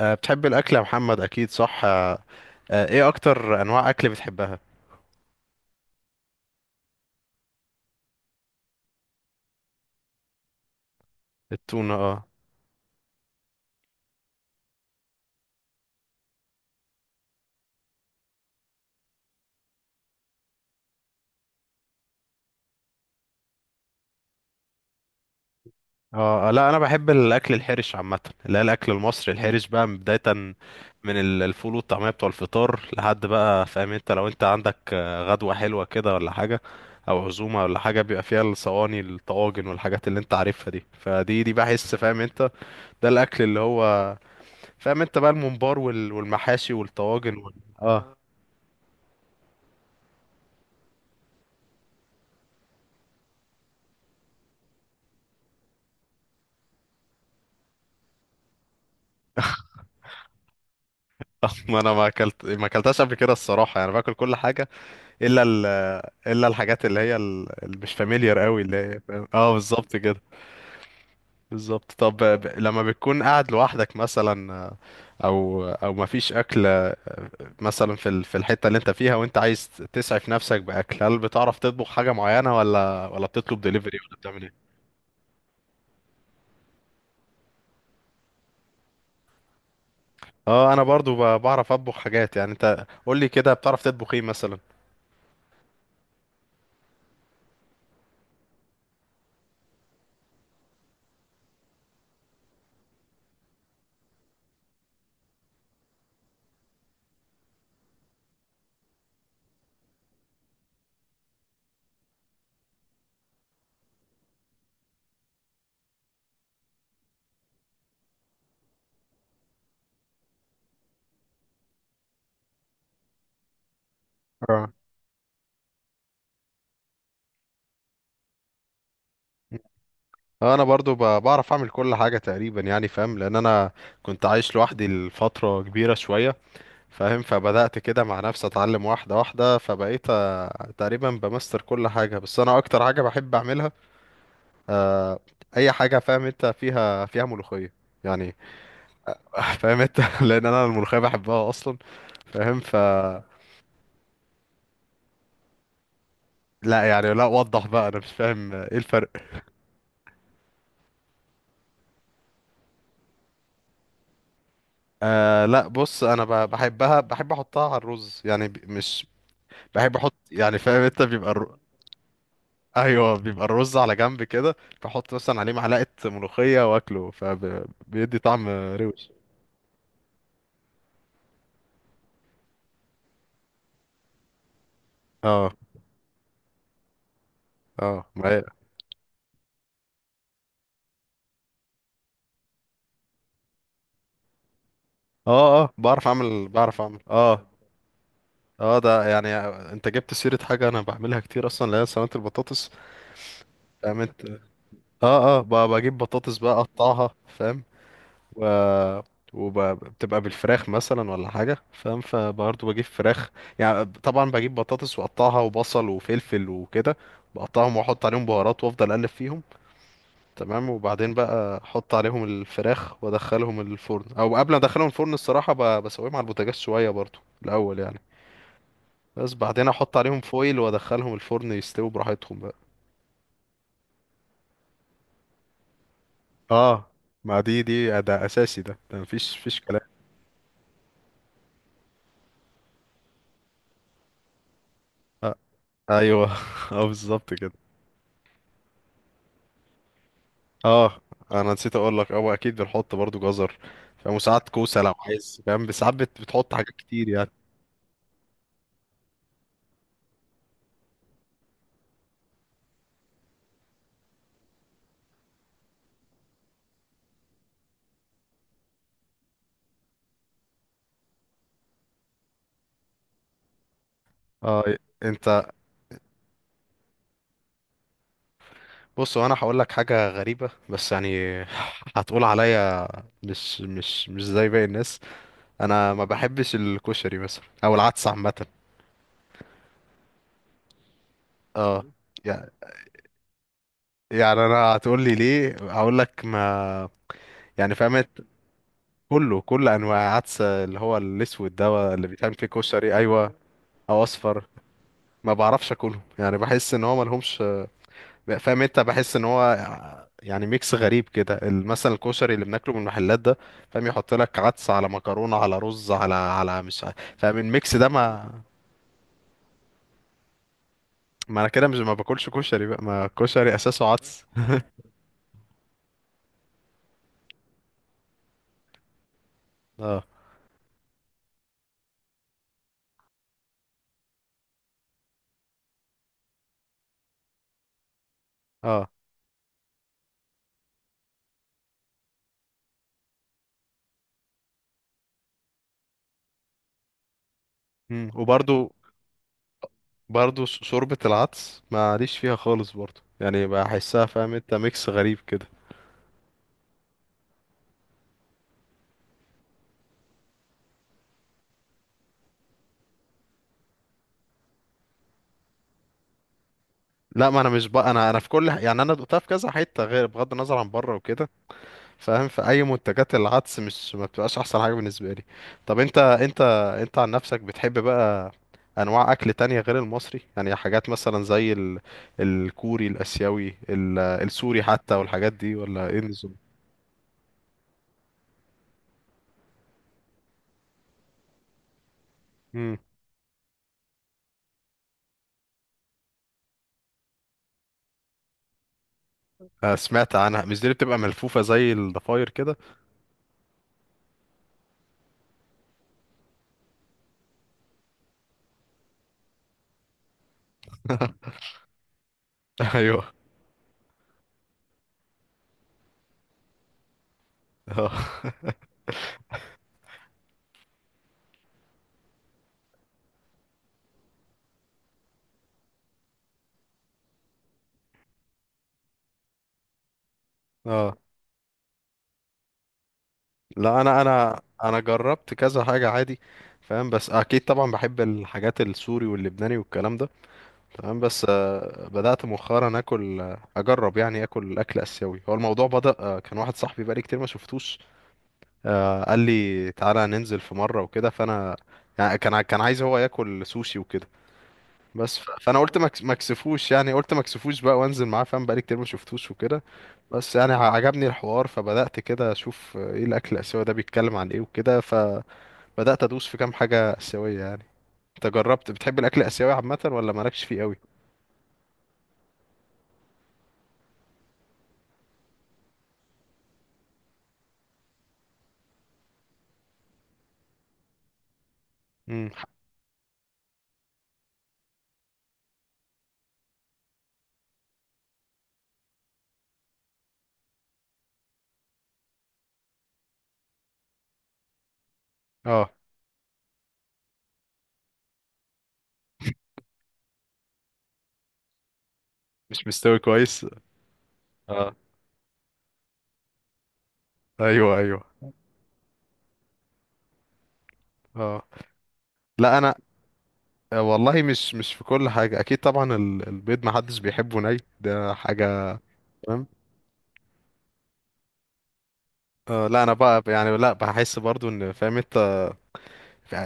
بتحب الأكل يا محمد؟ أكيد صح. أه. إيه أكتر أنواع أكل بتحبها؟ التونة. أه. أه، لا أنا بحب الأكل الحرش عامة، اللي هي الأكل المصري الحرش بقى من بداية، من الفول والطعمية بتوع الفطار لحد بقى فاهم أنت، لو أنت عندك غدوة حلوة كده ولا حاجة أو عزومة ولا حاجة بيبقى فيها الصواني الطواجن والحاجات اللي أنت عارفها دي، فدي بحس فاهم أنت. ده الأكل اللي هو فاهم أنت بقى الممبار والمحاشي والطواجن أه. ما اكلتهاش قبل كده الصراحه، يعني باكل كل حاجه الا الا الحاجات اللي هي اللي مش فاميليار قوي، اللي هي فاهم؟ اه، بالظبط كده. بالظبط. طب لما بتكون قاعد لوحدك مثلا، او او ما فيش اكل مثلا في في الحته اللي انت فيها، وانت عايز تسعف نفسك باكل، هل بتعرف تطبخ حاجه معينه ولا بتطلب دليفري ولا بتعمل ايه؟ اه، انا برضو بعرف اطبخ حاجات يعني، انت قول لي كده بتعرف تطبخ ايه مثلا؟ اه، انا برضو بعرف اعمل كل حاجه تقريبا يعني فاهم، لان انا كنت عايش لوحدي لفتره كبيره شويه فاهم، فبدات كده مع نفسي اتعلم واحده واحده، فبقيت تقريبا بمستر كل حاجه، بس انا اكتر حاجه بحب اعملها آه، اي حاجه فاهم انت فيها فيها ملوخيه يعني. فاهم انت. لان انا الملوخيه بحبها اصلا فاهم، لا يعني، لا وضح بقى، انا مش فاهم ايه الفرق. آه لا بص، انا بحبها، بحب احطها على الرز يعني، مش بحب احط يعني فاهم انت، بيبقى ايوه، بيبقى الرز على جنب كده، بحط مثلا عليه معلقه ملوخيه واكله، فبيدي طعم. روش. اه. اه، ما هي. اه. اه، بعرف اعمل اه. اه، ده يعني، انت جبت سيره حاجه انا بعملها كتير اصلا، اللي هي سلطه البطاطس فاهم انت. اه اه، بجيب بطاطس بقى اقطعها فاهم، و... وبتبقى بالفراخ مثلا ولا حاجة فاهم، فبرضه بجيب فراخ، يعني طبعا بجيب بطاطس واقطعها وبصل وفلفل وكده، بقطعهم واحط عليهم بهارات وافضل اقلب فيهم تمام، وبعدين بقى احط عليهم الفراخ وادخلهم الفرن، او قبل ما ادخلهم الفرن الصراحة بسويهم على البوتاجاز شوية برضه الاول يعني، بس بعدين احط عليهم فويل وادخلهم الفرن يستووا براحتهم بقى. اه، ما دي ده اساسي، ده مفيش كلام. آه، ايوه. اه، بالظبط كده. اه، انا نسيت اقول لك اه اكيد بنحط برضو جزر فاهم، وساعات كوسه لو عايز فاهم، بس ساعات بتحط حاجات كتير يعني. اه. انت. بص، هو انا هقول لك حاجه غريبه بس يعني. هتقول عليا مش زي باقي الناس، انا ما بحبش الكشري مثلا او العدس عامه. اه. يع- يعني انا هتقول لي ليه، هقول لك ما يعني فهمت، كله، كل انواع عدس اللي هو الاسود ده اللي بيتعمل فيه كشري ايوه، او اصفر، ما بعرفش اكلهم يعني، بحس ان هو ملهمش فاهم انت، بحس ان هو يعني ميكس غريب كده، مثلا الكشري اللي بناكله من المحلات ده فاهم، يحط لك عدس على مكرونه على رز على على مش فاهم الميكس ده، ما انا كده مش ما باكلش كشري بقى، ما الكشري اساسه عدس. اه. اه. مم. وبرضو برضو شوربه العدس ماليش فيها خالص برضو يعني، بحسها فاهم انت ميكس غريب كده. لا ما انا مش بقى، انا في كل يعني انا دقتها في كذا حته غير، بغض النظر عن بره وكده فاهم، فأي منتجات العدس مش ما بتبقاش احسن حاجة بالنسبة لي. طب انت، انت عن نفسك بتحب بقى انواع اكل تانية غير المصري يعني، حاجات مثلا زي الكوري الاسيوي السوري حتى والحاجات دي، ولا ايه النظام؟ امم. سمعت عنها، مش دي اللي بتبقى ملفوفة زي الضفاير كده؟ ايوه. اه. اه، لا انا جربت كذا حاجة عادي فاهم، بس اكيد طبعا بحب الحاجات السوري واللبناني والكلام ده تمام، بس بدأت مؤخرا اكل، اجرب يعني اكل اسيوي، هو الموضوع بدأ كان واحد صاحبي بقالي كتير ما شفتوش، قال لي تعالى ننزل في مرة وكده، فانا يعني كان كان عايز هو ياكل سوشي وكده، بس فانا قلت ما ما اكسفوش يعني، قلت ما اكسفوش بقى وانزل معاه فاهم، بقالي كتير ما شفتوش وكده، بس يعني عجبني الحوار، فبدأت كده اشوف ايه الاكل الاسيوي ده بيتكلم عن ايه وكده، فبدأت ادوس في كام حاجة اسيوية يعني. انت جربت؟ بتحب الاكل الاسيوي عامة ولا مالكش فيه قوي؟ امم. اه، مش مستوي كويس. اه. ايوه. اه، لا انا والله مش في كل حاجه اكيد طبعا، البيض ما حدش بيحبه ني، ده حاجه. تمام. آه لا، انا بقى يعني لا بحس برضو ان فاهم انت،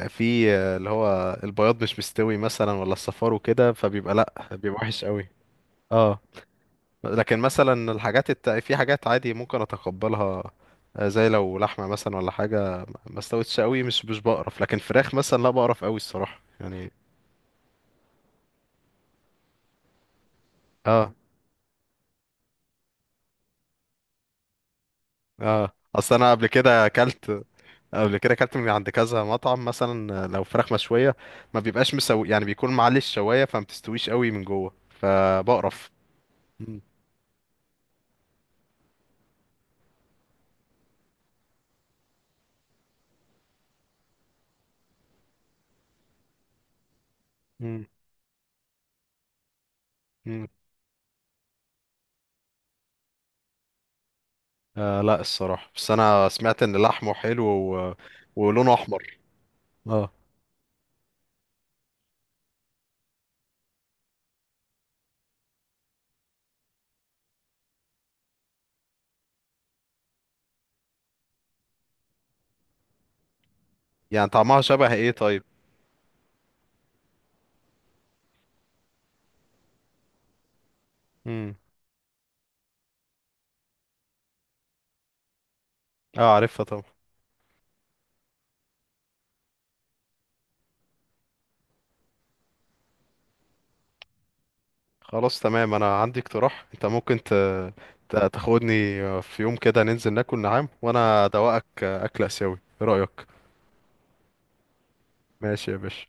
في اللي هو البياض مش مستوي مثلا ولا الصفار وكده، فبيبقى لا بيبقى وحش قوي. اه. لكن مثلا الحاجات في حاجات عادي ممكن اتقبلها، زي لو لحمه مثلا ولا حاجه ما استوتش قوي، مش بقرف، لكن فراخ مثلا لا بقرف قوي الصراحه يعني. اه. اه، اصل انا قبل كده اكلت، قبل كده اكلت من عند كذا مطعم مثلا، لو فراخ مشويه ما بيبقاش مسوي يعني، بيكون معلي الشوايه، فما بتستويش قوي من جوه فبقرف. مم. مم. مم. آه لا الصراحه، بس انا سمعت ان لحمه حلو و... ولونه احمر. اه. يعني طعمها شبه ايه طيب؟ مم. اه، عارفها طبعا. خلاص تمام، انا عندي اقتراح، انت ممكن تاخدني في يوم كده ننزل ناكل نعام، وانا ادوقك اكل اسيوي، ايه رايك؟ ماشي يا باشا.